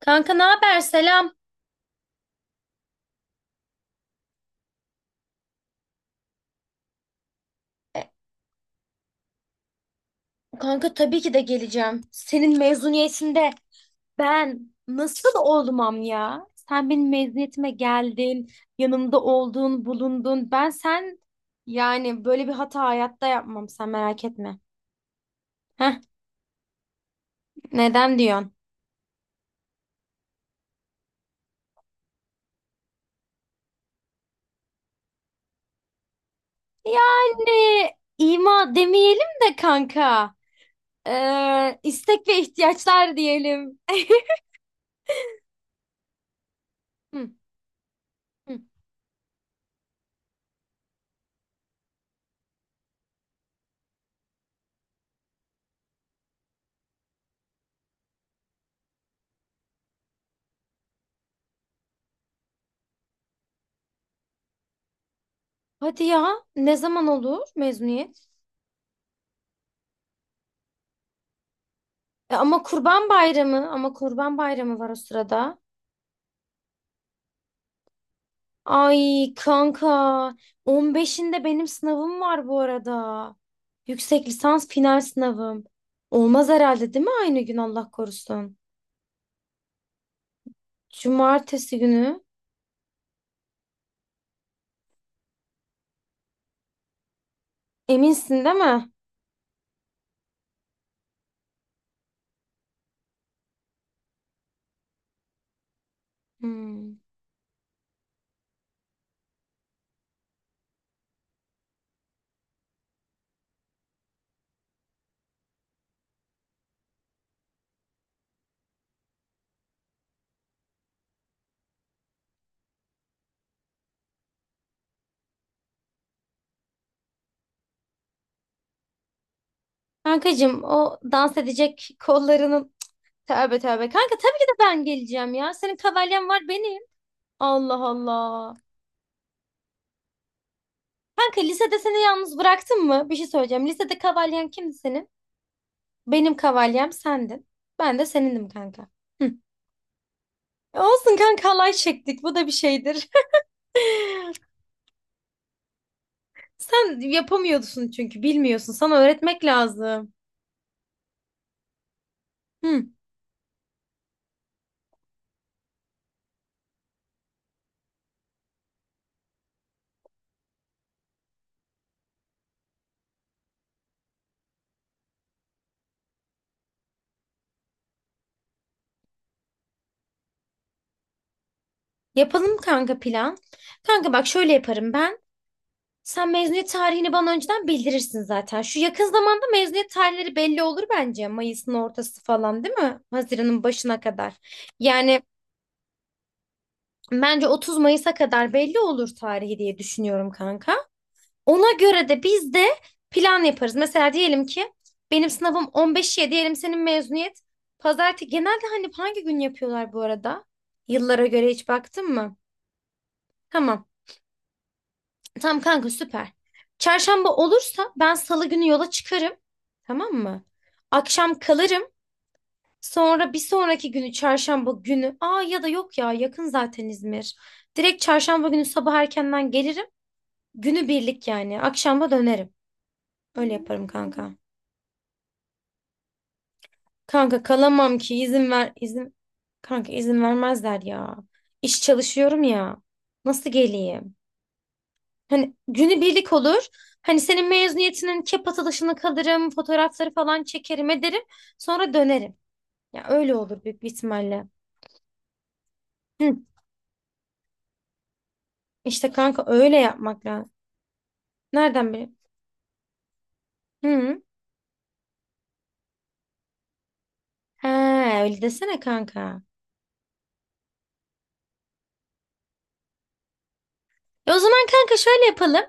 Kanka ne haber? Selam. E, Kanka tabii ki de geleceğim. Senin mezuniyetinde ben nasıl olmam ya? Sen benim mezuniyetime geldin, yanımda oldun, bulundun. Ben sen Yani böyle bir hata hayatta yapmam sen merak etme. Heh, neden diyorsun? Yani ima demeyelim de kanka. İstek ve ihtiyaçlar diyelim. Hı, hı. Hadi ya, ne zaman olur mezuniyet? E, ama Kurban Bayramı, ama Kurban Bayramı var o sırada. Ay kanka, 15'inde benim sınavım var bu arada. Yüksek lisans final sınavım. Olmaz herhalde değil mi aynı gün Allah korusun? Cumartesi günü. Eminsin değil mi? Hmm. Kankacığım o dans edecek kollarının... Tövbe tövbe. Kanka tabii ki de ben geleceğim ya. Senin kavalyen var benim. Allah Allah. Kanka lisede seni yalnız bıraktım mı? Bir şey söyleyeceğim. Lisede kavalyen kimdi senin? Benim kavalyem sendin. Ben de senindim kanka. Hı. E olsun kanka alay çektik. Bu da bir şeydir. Sen yapamıyorsun çünkü bilmiyorsun. Sana öğretmek lazım. Hı. Yapalım kanka plan. Kanka bak şöyle yaparım ben. Sen mezuniyet tarihini bana önceden bildirirsin zaten. Şu yakın zamanda mezuniyet tarihleri belli olur bence. Mayıs'ın ortası falan değil mi? Haziran'ın başına kadar. Yani bence 30 Mayıs'a kadar belli olur tarihi diye düşünüyorum kanka. Ona göre de biz de plan yaparız. Mesela diyelim ki benim sınavım 15'e diyelim, senin mezuniyet pazartesi. Genelde hani hangi gün yapıyorlar bu arada? Yıllara göre hiç baktın mı? Tamam. Tamam kanka süper. Çarşamba olursa ben salı günü yola çıkarım. Tamam mı? Akşam kalırım. Sonra bir sonraki günü çarşamba günü. Aa, ya da yok ya, yakın zaten İzmir. Direkt çarşamba günü sabah erkenden gelirim. Günü birlik yani. Akşama dönerim. Öyle yaparım kanka. Kanka kalamam ki izin ver izin, kanka izin vermezler ya. İş çalışıyorum ya. Nasıl geleyim? Hani günü birlik olur. Hani senin mezuniyetinin kep atılışını kalırım, fotoğrafları falan çekerim ederim. Sonra dönerim. Ya öyle olur büyük bir ihtimalle. Hı. İşte kanka öyle yapmak lazım. Nereden bileyim? Hı. Ha, öyle desene kanka. E o zaman kanka şöyle yapalım.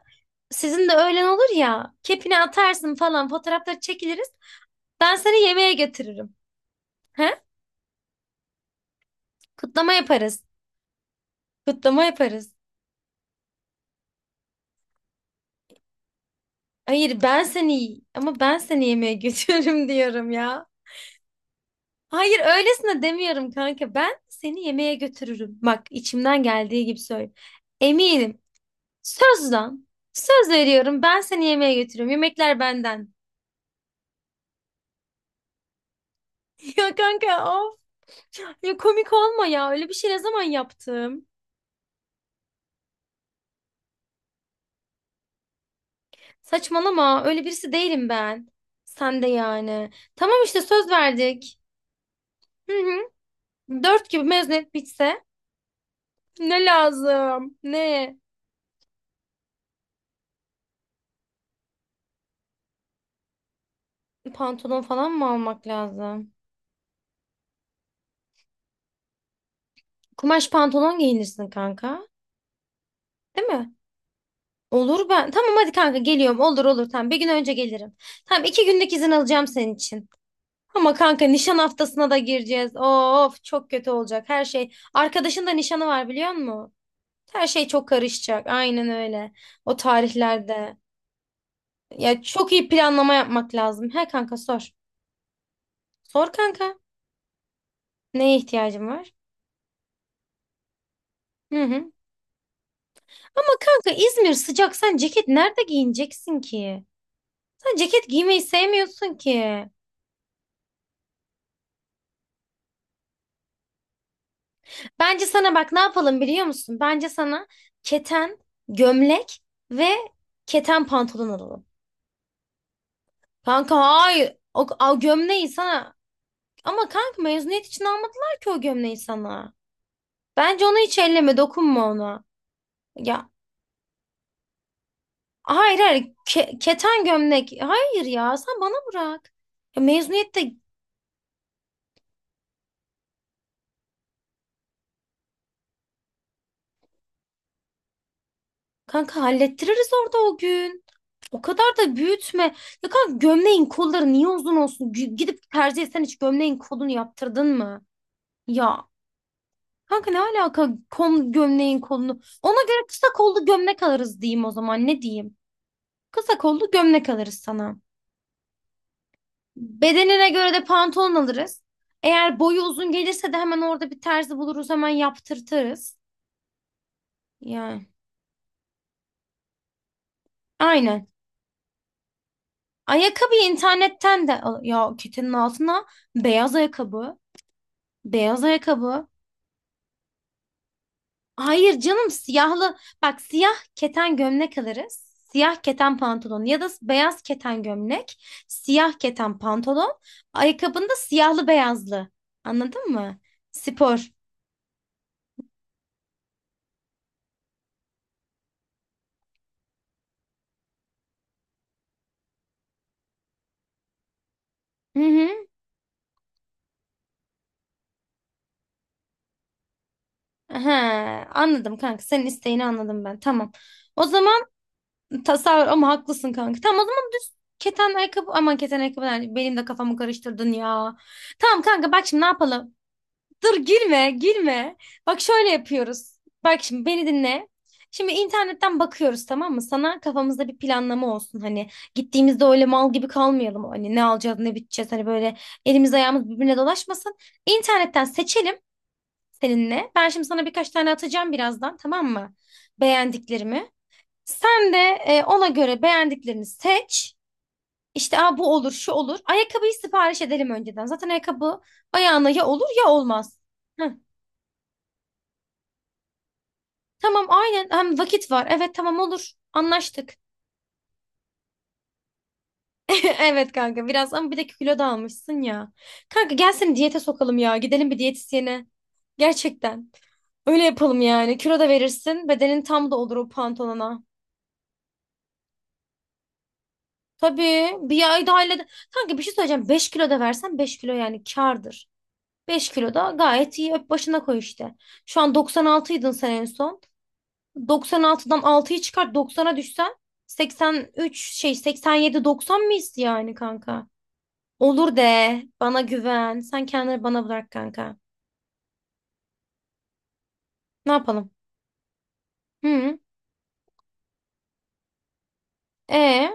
Sizin de öğlen olur ya. Kepini atarsın falan fotoğrafları çekiliriz. Ben seni yemeğe götürürüm. He? Kutlama yaparız. Kutlama yaparız. Hayır ben seni, ama ben seni yemeğe götürürüm diyorum ya. Hayır öylesine demiyorum kanka. Ben seni yemeğe götürürüm. Bak içimden geldiği gibi söyle. Eminim. Söz lan. Söz veriyorum. Ben seni yemeğe götürüyorum. Yemekler benden. Ya kanka of. Ya komik olma ya. Öyle bir şey ne zaman yaptım? Saçmalama. Öyle birisi değilim ben. Sen de yani. Tamam işte söz verdik. Hı hı. Dört gibi mezuniyet bitse ne lazım? Ne? Pantolon falan mı almak lazım? Kumaş pantolon giyinirsin kanka. Değil mi? Olur ben. Tamam hadi kanka geliyorum. Olur olur tamam. Bir gün önce gelirim. Tamam, 2 günlük izin alacağım senin için. Ama kanka nişan haftasına da gireceğiz. Of çok kötü olacak her şey. Arkadaşın da nişanı var biliyor musun? Her şey çok karışacak. Aynen öyle. O tarihlerde. Ya çok iyi planlama yapmak lazım. He kanka sor. Sor kanka. Neye ihtiyacın var? Hı hı. Ama kanka İzmir sıcak. Sen ceket nerede giyineceksin ki? Sen ceket giymeyi sevmiyorsun ki. Bence sana bak ne yapalım biliyor musun? Bence sana keten, gömlek ve keten pantolon alalım. Kanka hayır. O gömleği sana... Ama kanka mezuniyet için almadılar ki o gömleği sana. Bence onu hiç elleme, dokunma ona. Ya hayır hayır keten gömlek. Hayır ya sen bana bırak. Ya mezuniyette kanka hallettiririz orada o gün. O kadar da büyütme. Ya kanka gömleğin kolları niye uzun olsun? Gidip tercih etsen hiç gömleğin kolunu yaptırdın mı? Ya kanka ne alaka kol, gömleğin kolunu? Ona göre kısa kollu gömlek alırız diyeyim o zaman, ne diyeyim? Kısa kollu gömlek alırız sana. Bedenine göre de pantolon alırız. Eğer boyu uzun gelirse de hemen orada bir terzi buluruz, hemen yaptırtırız. Yani aynen. Ayakkabıyı internetten de al. Ya ketenin altına beyaz ayakkabı. Beyaz ayakkabı. Hayır canım, siyahlı bak siyah keten gömlek alırız. Siyah keten pantolon ya da beyaz keten gömlek, siyah keten pantolon, ayakkabında siyahlı beyazlı. Anladın mı? Spor. Hı hı. He, anladım kanka. Senin isteğini anladım ben. Tamam. O zaman tasavvur ama haklısın kanka. Tamam o zaman keten ayakkabı, aman keten ayakkabı yani benim de kafamı karıştırdın ya. Tamam kanka bak şimdi ne yapalım? Dur girme, girme. Bak şöyle yapıyoruz. Bak şimdi beni dinle. Şimdi internetten bakıyoruz tamam mı? Sana kafamızda bir planlama olsun. Hani gittiğimizde öyle mal gibi kalmayalım. Hani ne alacağız, ne biteceğiz. Hani böyle elimiz ayağımız birbirine dolaşmasın. İnternetten seçelim seninle. Ben şimdi sana birkaç tane atacağım birazdan tamam mı? Beğendiklerimi. Sen de ona göre beğendiklerini seç. İşte aa, bu olur, şu olur. Ayakkabıyı sipariş edelim önceden. Zaten ayakkabı ayağına ya olur ya olmaz. Heh. Tamam aynen, hem vakit var. Evet tamam olur. Anlaştık. Evet kanka biraz, ama bir de kilo da almışsın ya. Kanka gel seni diyete sokalım ya. Gidelim bir diyetisyene. Gerçekten. Öyle yapalım yani. Kilo da verirsin. Bedenin tam da olur o pantolona. Tabii bir ay daha ile... Kanka bir şey söyleyeceğim. 5 kilo da versen 5 kilo yani kârdır. 5 kilo da gayet iyi. Öp başına koy işte. Şu an 96'ydın sen en son. 96'dan 6'yı çıkart 90'a düşsen 83 şey 87 90 mıyız yani kanka? Olur de bana güven. Sen kendini bana bırak kanka. Ne yapalım? Hı. E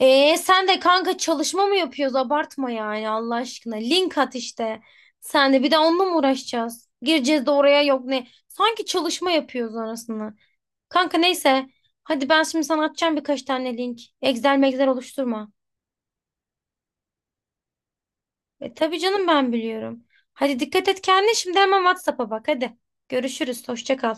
Sen de kanka çalışma mı yapıyoruz? Abartma yani Allah aşkına. Link at işte. Sen de bir de onunla mı uğraşacağız? Gireceğiz de oraya yok ne? Sanki çalışma yapıyoruz arasında. Kanka neyse. Hadi ben şimdi sana atacağım birkaç tane link. Excel megzel oluşturma. Tabii canım ben biliyorum. Hadi dikkat et kendine şimdi hemen WhatsApp'a bak hadi. Görüşürüz. Hoşça kal.